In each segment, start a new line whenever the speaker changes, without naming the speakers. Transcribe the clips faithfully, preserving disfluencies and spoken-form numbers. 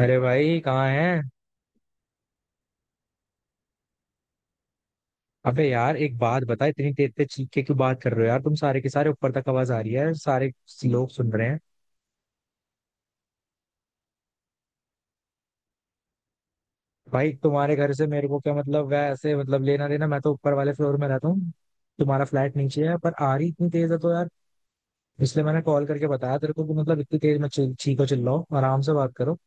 अरे भाई कहाँ है। अबे यार एक बात बता, इतनी तेज तेज चीख के क्यों बात कर रहे हो यार तुम सारे के सारे? ऊपर तक आवाज आ रही है, सारे लोग सुन रहे हैं। भाई तुम्हारे घर से मेरे को क्या मतलब, वैसे मतलब लेना देना, मैं तो ऊपर वाले फ्लोर में रहता हूँ। तुम्हारा फ्लैट नीचे है पर आ रही इतनी तेज है तो यार, इसलिए मैंने कॉल करके बताया तेरे को कि मतलब इतनी तेज मत ची- चीखो चिल्लाओ, आराम से बात करो।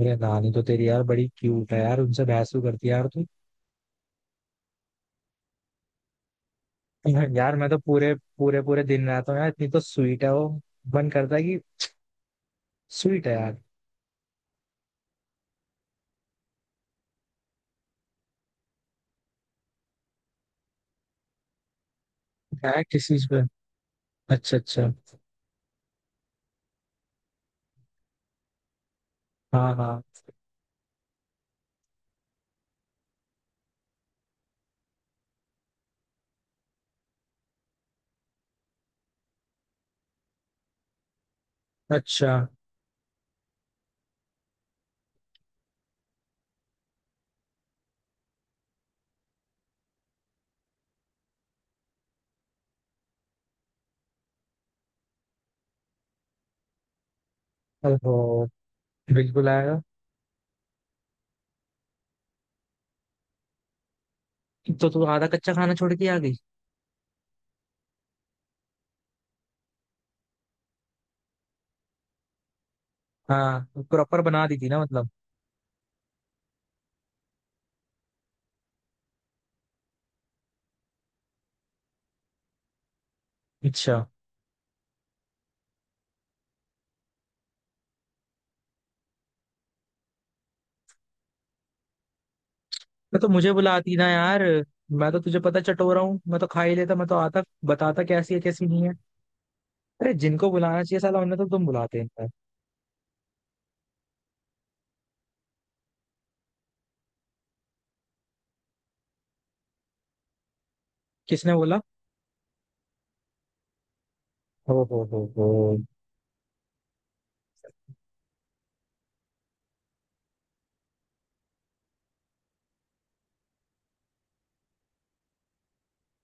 मेरे नानी तो तेरी यार बड़ी क्यूट है यार, उनसे बहस भी करती है यार तू। यार मैं तो पूरे पूरे पूरे दिन रहता हूँ यार, इतनी तो स्वीट है वो। मन करता है कि स्वीट है यार। है किस चीज पे? अच्छा अच्छा। हाँ हाँ। अच्छा। ओहो। बिल्कुल आएगा। तो तू आधा कच्चा खाना छोड़ के आ गई? हाँ प्रॉपर बना दी थी ना मतलब। अच्छा। मैं तो मुझे बुलाती ना यार, मैं तो तुझे पता चटोरा हूँ, मैं तो खा ही लेता, मैं तो आता बताता कैसी है कैसी नहीं है। अरे जिनको बुलाना चाहिए साला उन्हें तो तुम बुलाते हैं। किसने बोला? हो हो हो हो।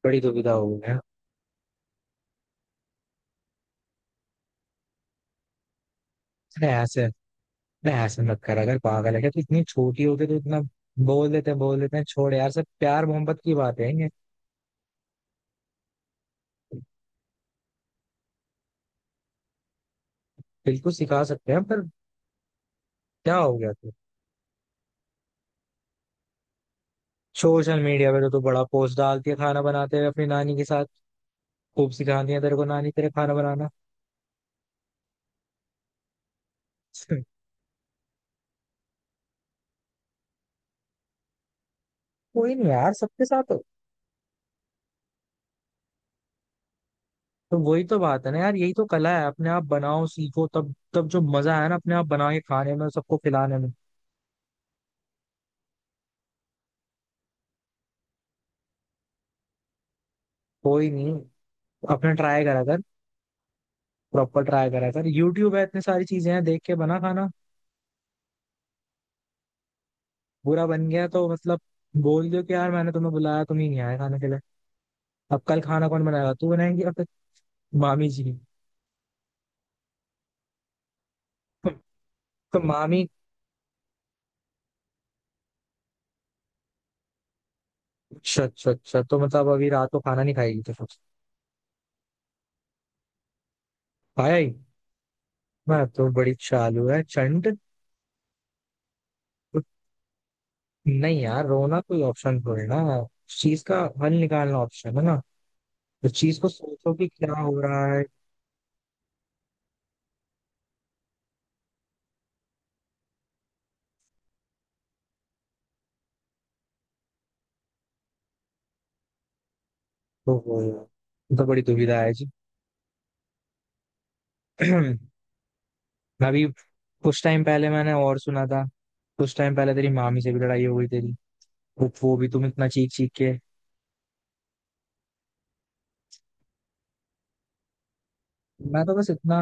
बड़ी दुविधा हो गई है। अरे ऐसे अरे ऐसे मत कर, अगर पागल है क्या तू? इतनी छोटी हो गई तो इतना बोल देते हैं बोल देते हैं, छोड़ यार, सब प्यार मोहब्बत की बात है ये। बिल्कुल सिखा सकते हैं पर क्या हो गया तू? सोशल मीडिया पे तो तू बड़ा पोस्ट डालती है खाना बनाते हुए अपनी नानी के साथ। खूब सिखाती है तेरे को नानी तेरे खाना बनाना। कोई नहीं यार, सबके साथ हो। तो वही तो बात है ना यार, यही तो कला है, अपने आप बनाओ सीखो, तब तब जो मजा है ना अपने आप बना के खाने में, सबको खिलाने में। कोई नहीं, अपने ट्राई करा कर, प्रॉपर ट्राई करा कर, यूट्यूब है, इतनी सारी चीजें हैं, देख के बना खाना। बुरा बन गया तो मतलब बोल दो कि यार मैंने तुम्हें बुलाया, तुम ही नहीं आए खाने के लिए। अब कल खाना कौन बनाएगा, तू बनाएंगी या फिर मामी जी? तो मामी। अच्छा अच्छा अच्छा, तो मतलब अभी रात को खाना नहीं खाएगी तो? खाया ही। मैं तो बड़ी चालू है चंड। नहीं यार, रोना कोई ऑप्शन थोड़ी ना, उस चीज का हल निकालना ऑप्शन है ना। उस चीज को सोचो कि क्या हो रहा है। तो वो यार तो बड़ी दुविधा है जी। अभी कुछ टाइम पहले मैंने और सुना था। कुछ टाइम पहले तेरी मामी से भी लड़ाई हो गई तेरी, वो वो भी तुम इतना चीख चीख के। मैं तो बस इतना।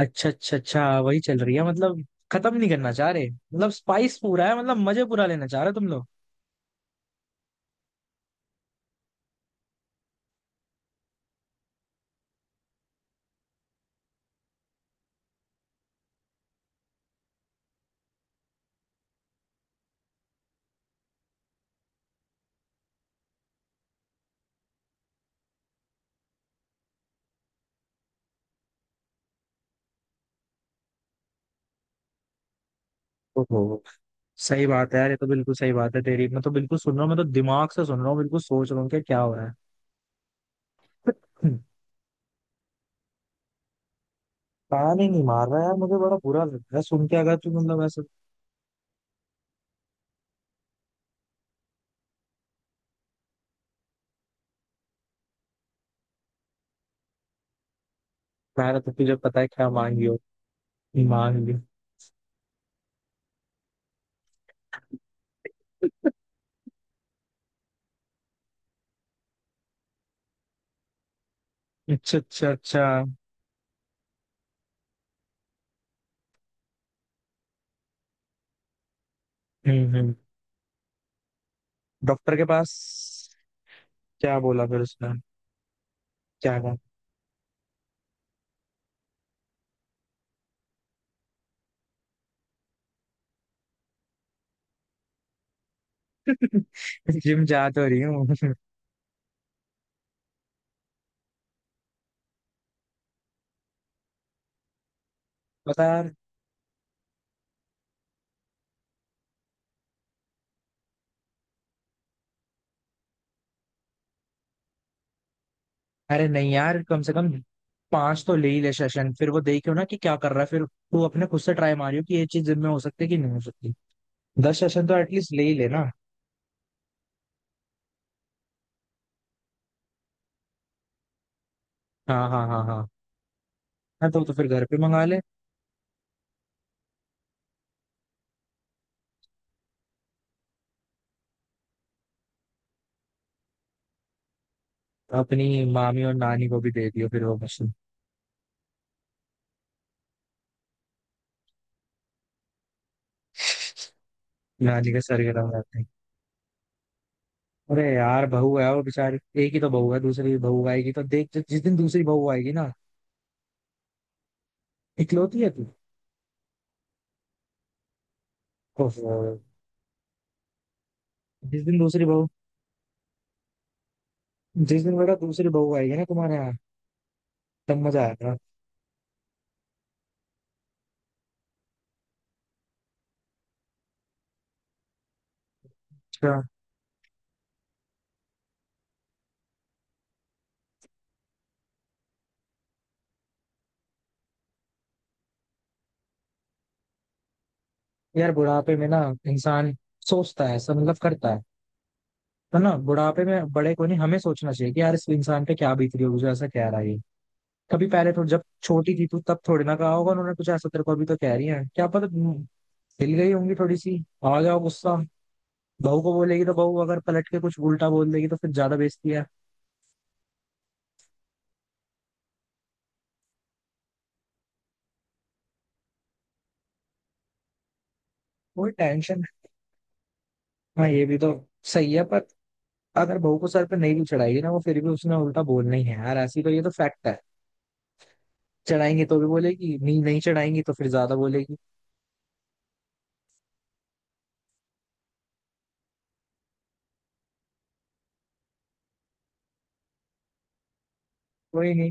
अच्छा अच्छा अच्छा, वही चल रही है मतलब, खत्म नहीं करना चाह रहे, मतलब स्पाइस पूरा है, मतलब मजे पूरा लेना चाह रहे हो तुम लोग। ओहो, सही बात है यार, ये तो बिल्कुल सही बात है तेरी, मैं तो बिल्कुल सुन रहा हूँ, मैं तो दिमाग से सुन रहा हूँ, बिल्कुल सोच रहा हूँ कि क्या हो रहा है। कान ही नहीं मार रहा है यार, मुझे बड़ा बुरा लग रहा है सुन के अगर तू मतलब ऐसे कह रहा था, तुझे पता है क्या मांगी हो? मांगी। अच्छा अच्छा अच्छा। हम्म हम्म। डॉक्टर के पास? क्या बोला फिर उसने? क्या कहा? जिम जा तो रही हूँ? पता है यार। अरे नहीं यार, कम से कम पांच तो ले ही ले सेशन, फिर वो देखियो ना कि क्या कर रहा है, फिर तू अपने खुद से ट्राई मारियो कि ये चीज जिम में हो सकती है कि नहीं हो सकती। दस सेशन तो एटलीस्ट ले ही ले ना। हाँ हाँ हाँ हाँ। हाँ तो, तो फिर घर पे मंगा ले। अपनी मामी और नानी को भी दे दियो फिर वो मशीन। नानी के सर गर्म रहते हैं? अरे यार बहू है वो बेचारी। एक ही तो बहू है, दूसरी बहू आएगी तो देख, जि- जिस दिन दूसरी बहू आएगी ना। इकलौती है तू? ओहो। जिस दिन दूसरी बहू जिस दिन बेटा दूसरी बहू आएगी ना तुम्हारे यहाँ, तब मजा आएगा। यार बुढ़ापे में ना इंसान सोचता है सब, मतलब करता है। तो ना बुढ़ापे में बड़े को नहीं, हमें सोचना चाहिए कि यार इस इंसान पे क्या बीत रही होगी जो ऐसा कह रहा है ये। कभी पहले थोड़ी, जब छोटी थी तू तब थोड़ी ना कहा होगा उन्होंने कुछ ऐसा तेरे को, अभी तो कह रही है, क्या पता हम्म, हिल गई होंगी थोड़ी सी, आ गया हो गुस्सा। बहू को बोलेगी तो बहू अगर पलट के कुछ उल्टा बोल देगी तो फिर ज्यादा बेइज्जती है। वो टेंशन। हाँ ये भी तो सही है पर, अगर बहू को सर पे नहीं भी चढ़ाएगी ना वो, फिर भी उसने उल्टा बोलना ही है यार ऐसी, तो ये तो फैक्ट है। चढ़ाएंगे तो भी बोलेगी, नहीं नहीं चढ़ाएंगी तो फिर ज्यादा बोलेगी। कोई नहीं,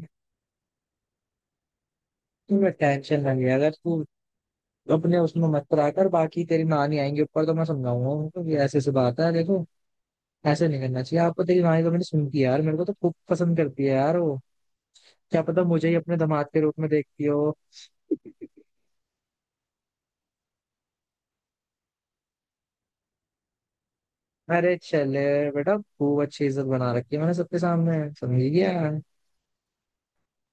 तुम्हें टेंशन ना ले, अगर तू अपने उसमें मत पड़ा कर, बाकी तेरी नानी आएंगे ऊपर तो मैं समझाऊंगा उनको कि ऐसे ऐसे बात है देखो, ऐसे नहीं करना चाहिए आपको। तेरी नानी तो मैंने सुन की यार, मेरे को तो खूब पसंद करती है यार वो। क्या पता मुझे ही अपने दामाद के रूप में देखती हो। अरे चले बेटा, खूब अच्छी इज्जत बना रखी है मैंने सबके सामने समझी गया।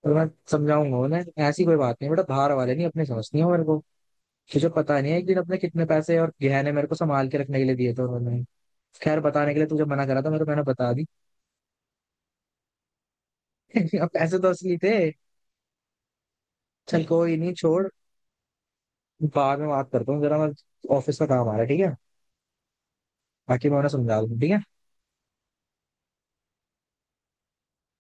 और मैं समझाऊंगा उन्हें ऐसी कोई बात नहीं बेटा, बाहर वाले नहीं अपने समझती हो मेरे को। तुझे पता नहीं है, एक दिन अपने कितने पैसे और गहने मेरे को संभाल के रखने के लिए दिए थे उन्होंने। खैर बताने के लिए तुझे मना करा था, मेरे को मैंने बता दिया। अब पैसे तो असली थे। चल कोई नहीं, छोड़, बाद में बात करता हूँ जरा मैं, ऑफिस का काम आ रहा है, ठीक है? बाकी मैं उन्हें समझा दूँ, ठीक है।